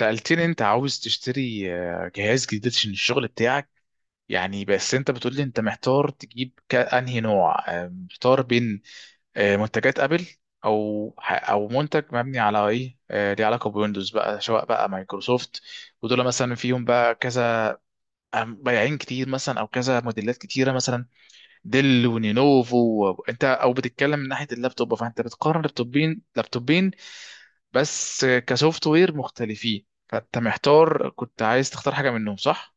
سألتني انت عاوز تشتري جهاز جديد عشان الشغل بتاعك. يعني بس انت بتقول لي انت محتار تجيب انهي نوع، محتار بين منتجات ابل، او او منتج مبني على ايه، ليه علاقه بويندوز بقى، سواء بقى مايكروسوفت، ودول مثلا فيهم بقى كذا، بياعين كتير مثلا او كذا موديلات كتيره مثلا ديل ونينوفو. انت او بتتكلم من ناحيه اللابتوب، فانت بتقارن لابتوبين بس كسوفت وير مختلفين، فانت محتار كنت عايز تختار حاجه منهم، صح؟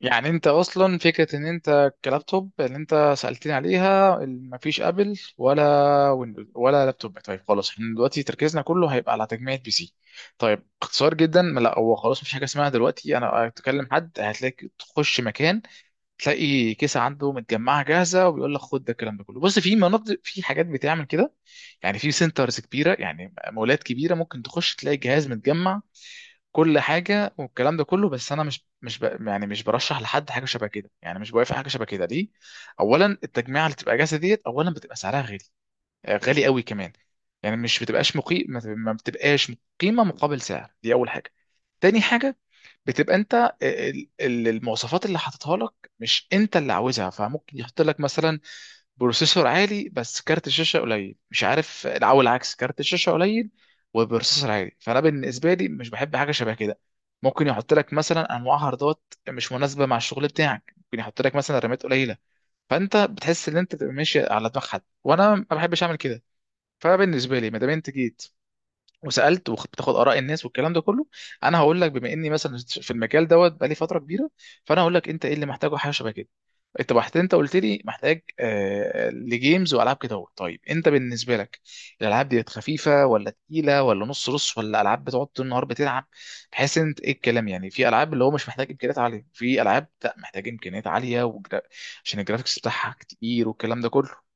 يعني انت اصلا فكره ان انت كلابتوب اللي انت سالتني عليها مفيش ابل ولا ويندوز ولا لابتوب. طيب خلاص احنا دلوقتي تركيزنا كله هيبقى على تجميع بي سي. طيب اختصار جدا، ما لا هو خلاص مفيش حاجه اسمها دلوقتي انا اتكلم حد هتلاقي تخش مكان تلاقي كيسه عنده متجمعه جاهزه وبيقول لك خد ده. الكلام ده كله بص، في مناطق، في حاجات بتعمل كده، يعني في سنترز كبيره، يعني مولات كبيره ممكن تخش تلاقي جهاز متجمع كل حاجه والكلام ده كله. بس انا مش مش ب... يعني مش برشح لحد حاجه شبه كده، يعني مش بوافق حاجه شبه كده. ليه؟ اولا التجميعه اللي بتبقى جاهزه ديت اولا بتبقى سعرها غالي، غالي قوي كمان. يعني مش بتبقاش مقيم، ما بتبقاش قيمه مقابل سعر، دي اول حاجه. تاني حاجه بتبقى انت المواصفات اللي حاططها لك مش انت اللي عاوزها، فممكن يحط لك مثلا بروسيسور عالي بس كارت الشاشه قليل، مش عارف، او العكس، كارت الشاشه قليل وبروسيسور عالي. فانا بالنسبه لي مش بحب حاجه شبه كده. ممكن يحط لك مثلا انواع هاردات مش مناسبه مع الشغل بتاعك، ممكن يحط لك مثلا رامات قليله، فانت بتحس ان انت بتبقى ماشي على دماغ حد، وانا ما بحبش اعمل كده. فبالنسبه لي ما دام انت جيت وسالت وبتاخد اراء الناس والكلام ده كله، انا هقول لك بما اني مثلا في المجال دوت بقالي فتره كبيره، فانا هقول لك انت ايه اللي محتاجه حاجه شبه كده. انت بحت، انت قلت لي محتاج لجيمز والعاب كده اهو. طيب انت بالنسبه لك الالعاب ديت خفيفه ولا تقيله ولا نص نص، ولا العاب بتقعد طول النهار بتلعب؟ بحيث انت ايه الكلام، يعني في العاب اللي هو مش محتاج امكانيات عاليه، في العاب لا محتاج امكانيات عاليه عشان الجرافيكس بتاعها كتير والكلام ده كله.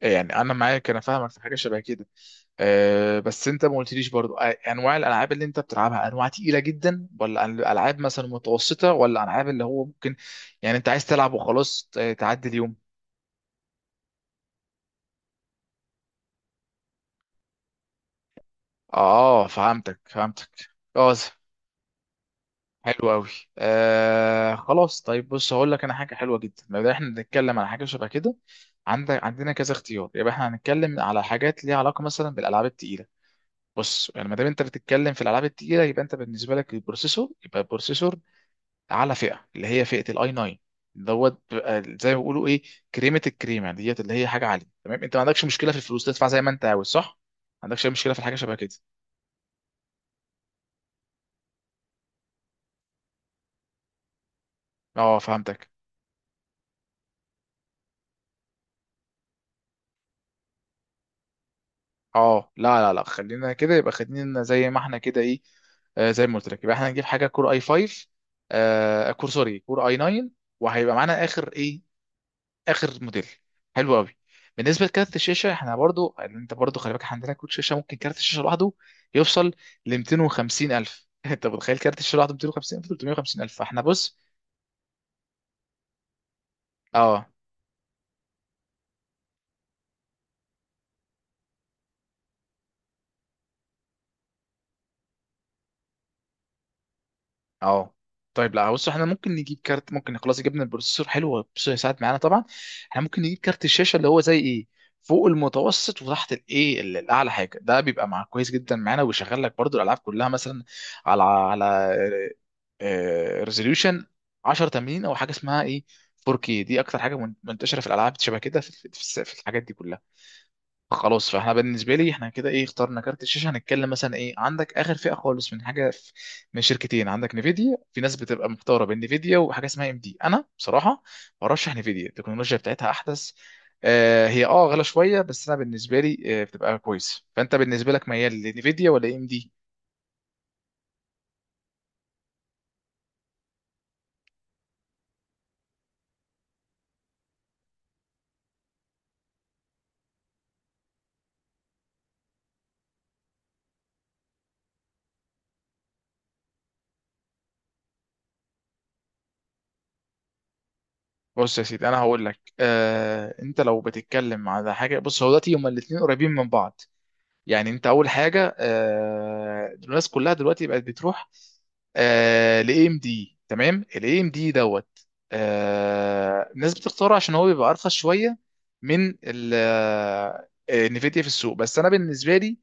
يعني انا معاك، انا فاهمك في حاجه شبه كده. أه بس انت ما قلتليش برضو انواع الالعاب اللي انت بتلعبها انواع تقيله جدا، ولا العاب مثلا متوسطه، ولا العاب اللي هو ممكن يعني انت عايز تلعب وخلاص تعدي اليوم. اه، فهمتك فهمتك. اه، حلو قوي. خلاص، طيب بص هقول لك انا حاجه حلوه جدا. لو احنا بنتكلم على حاجه شبه كده، عندك عندنا كذا اختيار، يبقى احنا هنتكلم على حاجات ليها علاقه مثلا بالالعاب التقيله. بص، يعني ما دام انت بتتكلم في الالعاب التقيله، يبقى انت بالنسبه لك البروسيسور يبقى بروسيسور اعلى فئه، اللي هي فئه الاي 9 دوت، بيبقى زي ما بيقولوا ايه، كريمه الكريمه ديت، اللي هي حاجه عاليه. تمام، انت ما عندكش مشكله في الفلوس، تدفع زي ما انت عاوز، صح؟ ما عندكش اي مشكله في الحاجه شبه كده. اه فهمتك. اه لا لا لا، خلينا كده، يبقى خلينا زي ما احنا كده ايه. زي ما قلت لك، يبقى احنا هنجيب حاجه كور اي 5، كور سوري، كور اي 9، وهيبقى معانا اخر ايه، اخر موديل. حلو قوي. بالنسبه لكارت الشاشه احنا برضو، انت برضو خلي بالك، احنا عندنا كروت شاشه ممكن كارت الشاشه لوحده يوصل ل 250 الف. انت متخيل كارت الشاشه لوحده 250 الف 350 الف؟ فاحنا بص. اه اه. طيب لا، بص احنا ممكن نجيب كارت، ممكن خلاص جبنا البروسيسور حلو، البروسيسور هيساعد معانا طبعا. احنا ممكن نجيب كارت الشاشه اللي هو زي ايه، فوق المتوسط وتحت الايه الاعلى حاجه، ده بيبقى مع كويس جدا معانا، ويشغل لك برضو الالعاب كلها مثلا على على ريزوليوشن 1080، او حاجه اسمها ايه، 4K. دي اكتر حاجه منتشره في الالعاب شبه كده، في، في، في الحاجات دي كلها. خلاص فاحنا بالنسبه لي احنا كده ايه، اخترنا كارت الشاشه. هنتكلم مثلا ايه، عندك اخر فئه خالص من حاجه في من شركتين، عندك نيفيديا، في ناس بتبقى مختاره بين نيفيديا وحاجه اسمها ام دي. انا بصراحه برشح نيفيديا، التكنولوجيا بتاعتها احدث. هي اه غلا شويه، بس انا بالنسبه لي بتبقى كويس. فانت بالنسبه لك ميال لنيفيديا ولا ام دي؟ بص يا سيدي، انا هقول لك انت لو بتتكلم على حاجه، بص هو دلوقتي هما الاثنين قريبين من بعض. يعني انت اول حاجه الناس كلها دلوقتي بقت بتروح لاي ام دي، تمام؟ الاي ام دي دوت، الناس بتختاره عشان هو بيبقى ارخص شويه من ال نفيديا في السوق. بس انا بالنسبه لي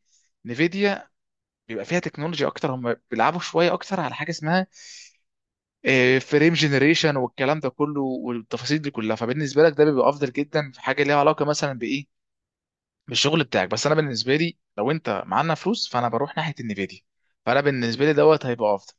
نفيديا بيبقى فيها تكنولوجيا اكتر، هم بيلعبوا شويه اكتر على حاجه اسمها فريم جنريشن والكلام ده كله والتفاصيل دي كلها، فبالنسبه لك ده بيبقى افضل جدا في حاجه ليها علاقه مثلا بايه، بالشغل بتاعك. بس انا بالنسبه لي لو انت معانا فلوس فانا بروح ناحيه النفيديا، فانا بالنسبه لي دوت هيبقى افضل.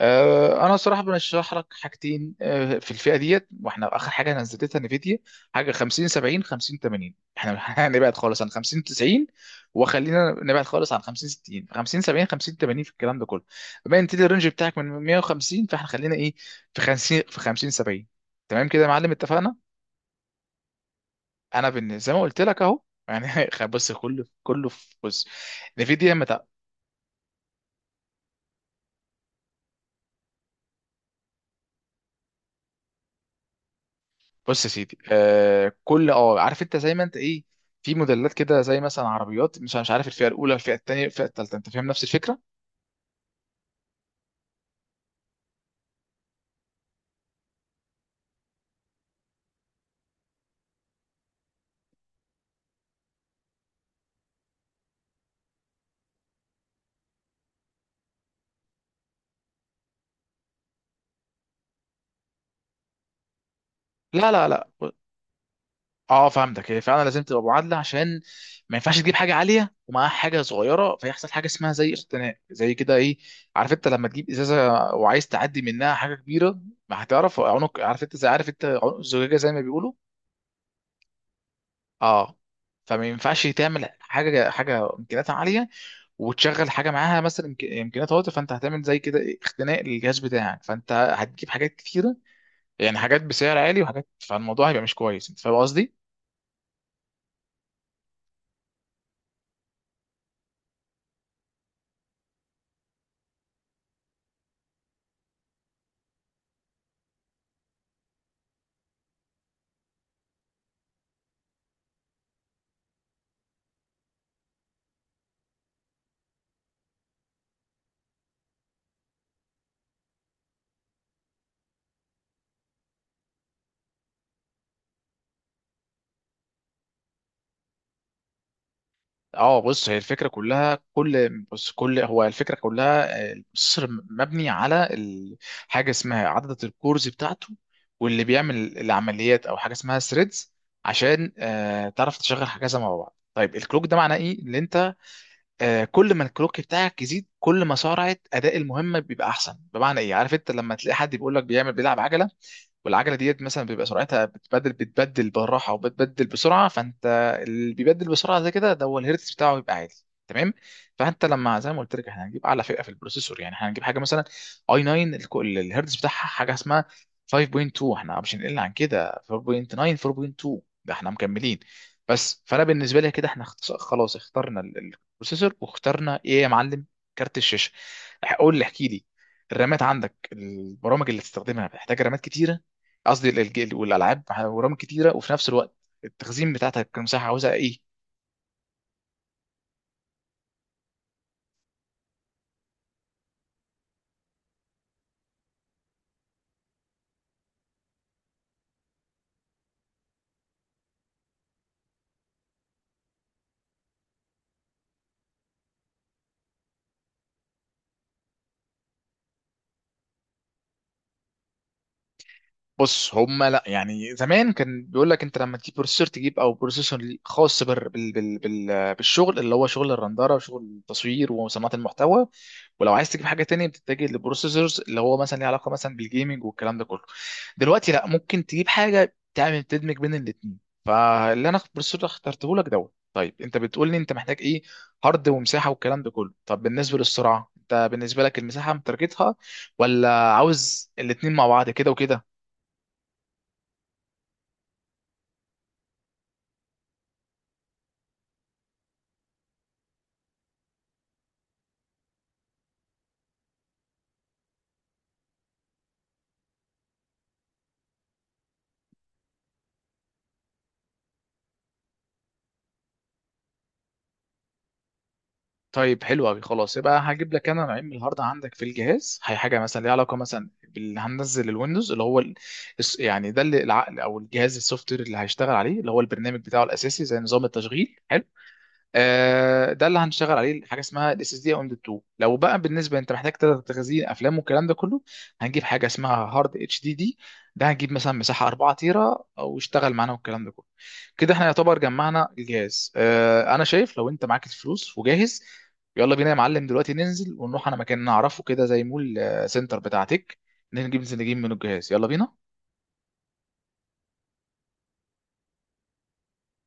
انا صراحه برشح لك حاجتين في الفئه ديت. واحنا اخر حاجه نزلتها نفيديا حاجه 50 70، 50 80، احنا هنبعد خالص عن 50 90، وخلينا نبعد خالص عن 50 60، 50 70، 50 80 في الكلام ده كله. بما ان انت الرينج بتاعك من 150، فاحنا خلينا ايه، في 50، في 50 70. تمام كده يا معلم، اتفقنا؟ انا زي ما قلت لك اهو. يعني بص كله كله في بص نفيديا. بص يا سيدي، كل اه، عارف انت زي ما انت ايه، في موديلات كده زي مثلا عربيات، مش عارف، الفئه الاولى، الفئه الثانيه، الفئه الثالثه، انت فاهم نفس الفكره. لا لا لا. اه فهمتك، هي فعلا لازم تبقى معادله، عشان ما ينفعش تجيب حاجه عاليه ومعاها حاجه صغيره، فيحصل حاجه اسمها زي اختناق زي كده ايه. عارف انت لما تجيب ازازه وعايز تعدي منها حاجه كبيره ما هتعرف؟ عنق، عارف انت زي، عارف انت عنق الزجاجه زي ما بيقولوا. اه. فما ينفعش تعمل حاجه، حاجه امكانياتها عاليه وتشغل حاجه معاها مثلا امكانيات هواتف، فانت هتعمل زي كده اختناق للجهاز بتاعك، فانت هتجيب حاجات كتيره، يعني حاجات بسعر عالي وحاجات، فالموضوع هيبقى مش كويس، انت فاهم قصدي؟ اه، بص هي الفكره كلها، كل بص كل هو الفكره كلها، البروسيسور مبني على حاجه اسمها عدد الكورز بتاعته واللي بيعمل العمليات، او حاجه اسمها ثريدز، عشان تعرف تشغل حاجه زي ما بعض. طيب الكلوك ده معناه ايه، اللي انت كل ما الكلوك بتاعك يزيد كل ما سرعه اداء المهمه بيبقى احسن، بمعنى ايه، عارف انت لما تلاقي حد بيقول لك بيعمل بيلعب عجله، والعجله ديت مثلا بيبقى سرعتها بتبدل بالراحه، وبتبدل بسرعه. فانت اللي بيبدل بسرعه زي كده ده هو الهيرتز بتاعه بيبقى عالي. تمام. فانت لما زي ما قلت لك احنا هنجيب اعلى فئه في البروسيسور، يعني احنا هنجيب حاجه مثلا اي 9، الهيرتز بتاعها حاجه اسمها 5.2، احنا مش هنقل عن كده 4.9، 4.2، ده احنا مكملين بس. فانا بالنسبه لي كده احنا خلاص اخترنا البروسيسور، واخترنا ايه يا معلم، كارت الشاشه. قول لي، احكي لي، الرامات عندك البرامج اللي تستخدمها محتاجه رامات كتيره؟ قصدي والالعاب ورام كتيره، وفي نفس الوقت التخزين بتاعتك، المساحه عاوزها ايه؟ بص هما لا، يعني زمان كان بيقول لك انت لما تجيب بروسيسور تجيب، او بروسيسور خاص بال بالشغل اللي هو شغل الرندره وشغل التصوير وصناعه المحتوى، ولو عايز تجيب حاجه تانية بتتجه للبروسيسورز اللي هو مثلا ليه علاقه مثلا بالجيمنج والكلام ده كله. دلوقتي لا، ممكن تجيب حاجه تعمل تدمج بين الاثنين، فاللي انا البروسيسور اللي اخترته لك دوت. طيب انت بتقول لي انت محتاج ايه، هارد ومساحه والكلام ده كله. طب بالنسبه للسرعه، انت بالنسبه لك المساحه متركتها، ولا عاوز الاثنين مع بعض كده وكده؟ طيب حلو قوي، خلاص يبقى هجيب لك انا نوعين من الهارد عندك في الجهاز. هي حاجه مثلا ليها علاقه مثلا باللي هننزل الويندوز، اللي هو يعني ده اللي العقل او الجهاز السوفت وير اللي هيشتغل عليه، اللي هو البرنامج بتاعه الاساسي زي نظام التشغيل، حلو؟ ده اللي هنشتغل عليه حاجه اسمها الاس اس دي او ام 2. لو بقى بالنسبه انت محتاج تلات تخزين افلام والكلام ده كله، هنجيب حاجه اسمها هارد اتش دي دي، ده هنجيب مثلا مساحه 4 تيرا او يشتغل معانا والكلام ده كله. كده احنا يعتبر جمعنا الجهاز. انا شايف لو انت معاك الفلوس وجاهز، يلا بينا يا معلم، دلوقتي ننزل ونروح على مكان نعرفه كده زي مول، سنتر بتاعتك، نجيب ننزل نجيب منه الجهاز، يلا بينا.